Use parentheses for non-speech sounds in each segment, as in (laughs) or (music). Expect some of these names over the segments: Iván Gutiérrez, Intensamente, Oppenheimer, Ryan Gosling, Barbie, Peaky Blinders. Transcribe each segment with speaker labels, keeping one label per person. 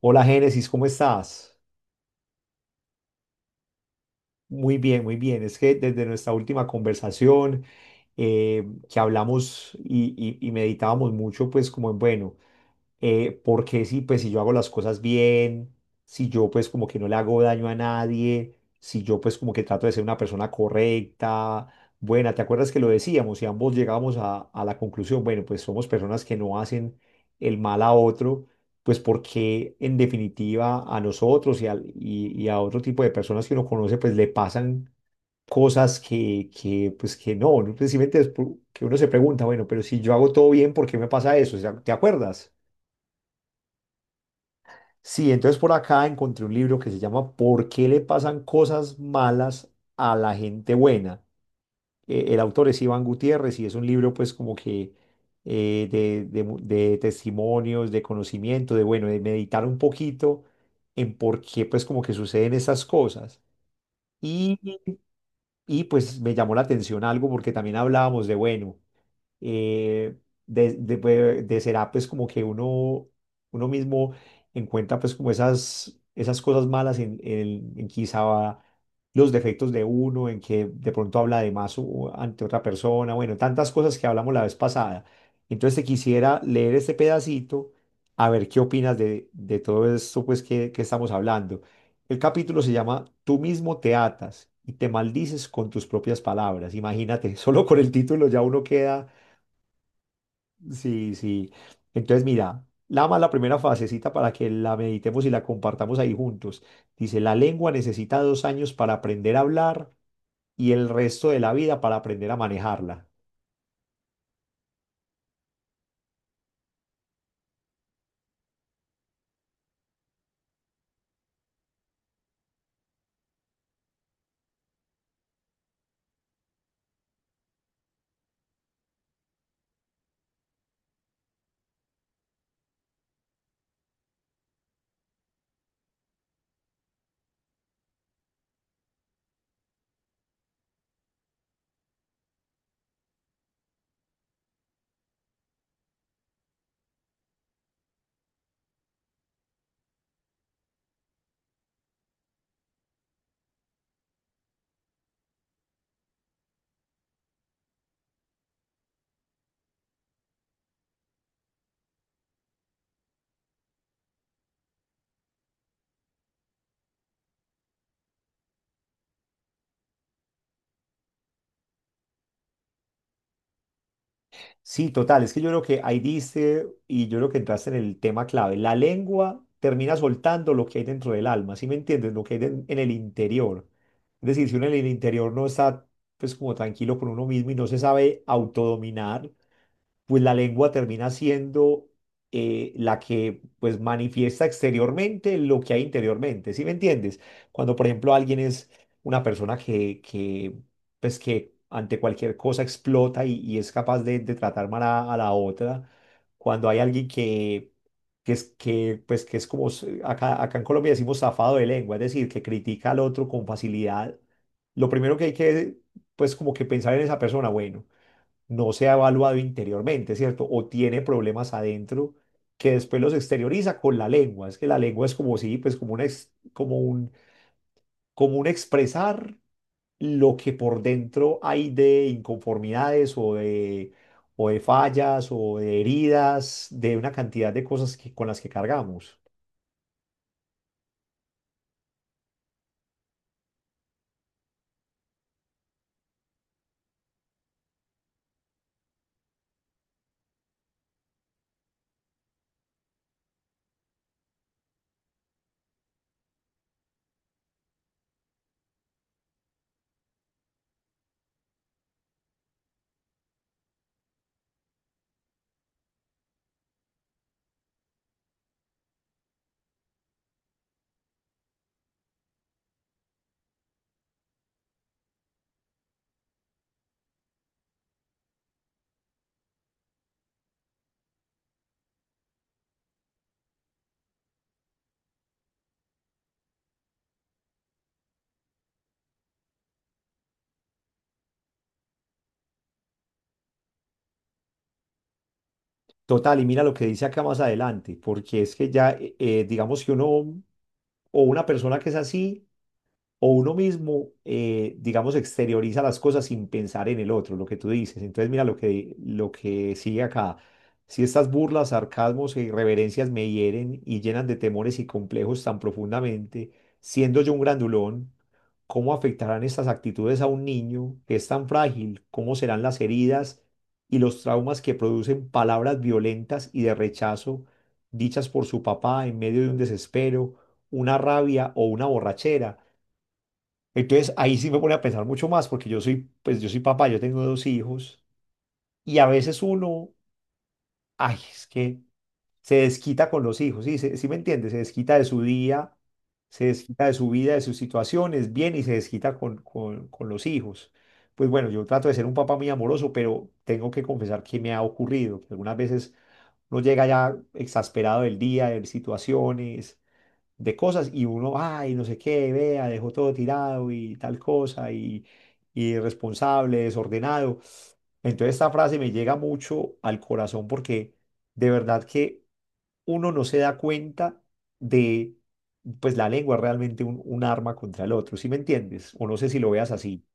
Speaker 1: Hola Génesis, ¿cómo estás? Muy bien, muy bien. Es que desde nuestra última conversación eh, que hablamos y meditábamos mucho, pues como en, bueno, porque si, pues, si yo hago las cosas bien, si yo pues como que no le hago daño a nadie, si yo pues como que trato de ser una persona correcta, buena, ¿te acuerdas que lo decíamos? Y ambos llegábamos a la conclusión, bueno, pues somos personas que no hacen el mal a otro, pues porque en definitiva a nosotros y a otro tipo de personas que uno conoce, pues le pasan cosas que pues que no, ¿no? Precisamente es que uno se pregunta, bueno, pero si yo hago todo bien, ¿por qué me pasa eso? O sea, ¿te acuerdas? Sí, entonces por acá encontré un libro que se llama ¿Por qué le pasan cosas malas a la gente buena? El autor es Iván Gutiérrez y es un libro pues como que de testimonios, de conocimiento, de bueno, de meditar un poquito en por qué pues como que suceden esas cosas. Y, y pues me llamó la atención algo porque también hablábamos de bueno, eh, de será pues como que uno, uno mismo encuentra pues como esas, esas cosas malas en quizá los defectos de uno, en que de pronto habla de más ante otra persona, bueno, tantas cosas que hablamos la vez pasada. Entonces te quisiera leer este pedacito a ver qué opinas de todo esto pues que estamos hablando. El capítulo se llama Tú mismo te atas. Y te maldices con tus propias palabras. Imagínate, (laughs) solo con el título ya uno queda. Sí, sí. Entonces, mira, la más la primera fasecita para que la meditemos y la compartamos ahí juntos. Dice, la lengua necesita 2 años para aprender a hablar y el resto de la vida para aprender a manejarla. Sí, total, es que yo creo que ahí diste y yo creo que entraste en el tema clave. La lengua termina soltando lo que hay dentro del alma, ¿sí me entiendes? Lo que hay en el interior. Es decir, si uno en el interior no está pues como tranquilo con uno mismo y no se sabe autodominar, pues la lengua termina siendo la que pues manifiesta exteriormente lo que hay interiormente, ¿sí me entiendes? Cuando por ejemplo alguien es una persona que pues que ante cualquier cosa explota y es capaz de tratar mal a la otra, cuando hay alguien que... Que es, que, pues, que es como acá, acá en Colombia decimos zafado de lengua, es decir, que critica al otro con facilidad. Lo primero pues, como que pensar en esa persona, bueno, no se ha evaluado interiormente, ¿cierto? O tiene problemas adentro que después los exterioriza con la lengua. Es que la lengua es como si, pues como un, como un expresar lo que por dentro hay de inconformidades o de fallas o de heridas, de una cantidad de cosas que, con las que cargamos. Total, y mira lo que dice acá más adelante, porque es que ya, digamos que uno o una persona que es así, o uno mismo, digamos, exterioriza las cosas sin pensar en el otro, lo que tú dices. Entonces, mira lo lo que sigue acá. Si estas burlas, sarcasmos e irreverencias me hieren y llenan de temores y complejos tan profundamente, siendo yo un grandulón, ¿cómo afectarán estas actitudes a un niño que es tan frágil? ¿Cómo serán las heridas y los traumas que producen palabras violentas y de rechazo dichas por su papá en medio de un desespero, una rabia o una borrachera? Entonces ahí sí me pone a pensar mucho más porque yo soy, pues yo soy papá, yo tengo dos hijos y a veces uno, ay, es que se desquita con los hijos, ¿sí? ¿Sí me entiendes? Se desquita de su día, se desquita de su vida, de sus situaciones, bien, y se desquita con los hijos. Pues bueno, yo trato de ser un papá muy amoroso, pero tengo que confesar que me ha ocurrido, que algunas veces uno llega ya exasperado del día, de situaciones de cosas y uno, ay, no sé qué, vea, dejó todo tirado y tal cosa y irresponsable, desordenado. Entonces esta frase me llega mucho al corazón porque de verdad que uno no se da cuenta de, pues la lengua es realmente un arma contra el otro, ¿sí me entiendes? O no sé si lo veas así.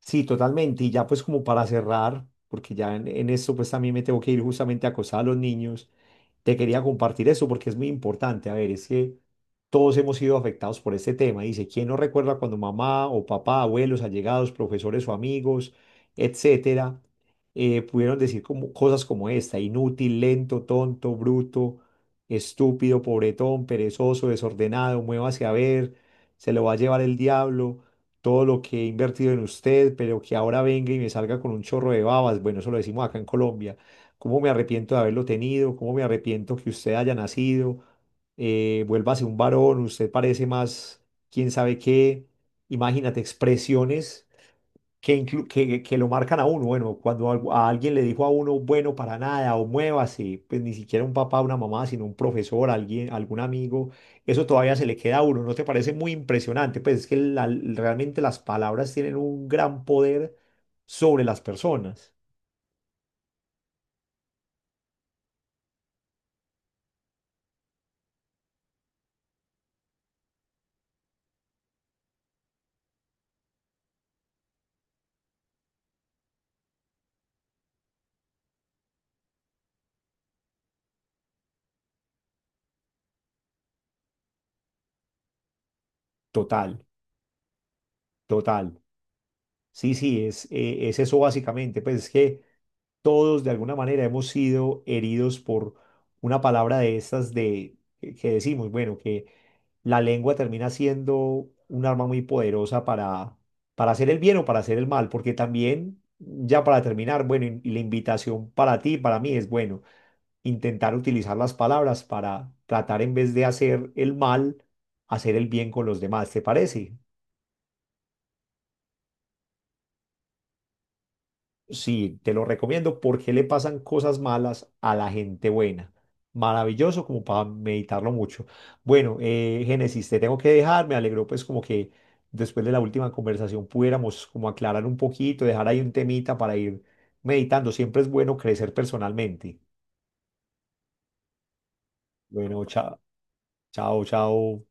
Speaker 1: Sí, totalmente. Y ya pues como para cerrar, porque ya en esto pues también me tengo que ir justamente a acosar a los niños, te quería compartir eso porque es muy importante. A ver, es que todos hemos sido afectados por este tema. Dice, ¿quién no recuerda cuando mamá o papá, abuelos, allegados, profesores o amigos, etcétera, pudieron decir como, cosas como esta, inútil, lento, tonto, bruto, estúpido, pobretón, perezoso, desordenado, muévase a ver, se lo va a llevar el diablo? Todo lo que he invertido en usted, pero que ahora venga y me salga con un chorro de babas, bueno, eso lo decimos acá en Colombia, cómo me arrepiento de haberlo tenido, cómo me arrepiento que usted haya nacido, vuélvase un varón, usted parece más, quién sabe qué, imagínate, expresiones que, que lo marcan a uno. Bueno, cuando a alguien le dijo a uno, bueno, para nada, o muévase, pues ni siquiera un papá, una mamá, sino un profesor, alguien, algún amigo, eso todavía se le queda a uno. ¿No te parece muy impresionante? Pues es que realmente las palabras tienen un gran poder sobre las personas. Total, total. Sí, sí, es eso básicamente. Pues es que todos de alguna manera hemos sido heridos por una palabra de estas de que decimos, bueno, que la lengua termina siendo un arma muy poderosa para hacer el bien o para hacer el mal, porque también ya para terminar, bueno, y la invitación para ti, para mí es bueno, intentar utilizar las palabras para tratar en vez de hacer el mal, hacer el bien con los demás, ¿te parece? Sí, te lo recomiendo porque le pasan cosas malas a la gente buena. Maravilloso como para meditarlo mucho. Bueno, Génesis, te tengo que dejar. Me alegró pues como que después de la última conversación pudiéramos como aclarar un poquito, dejar ahí un temita para ir meditando. Siempre es bueno crecer personalmente. Bueno, chao, chao, chao.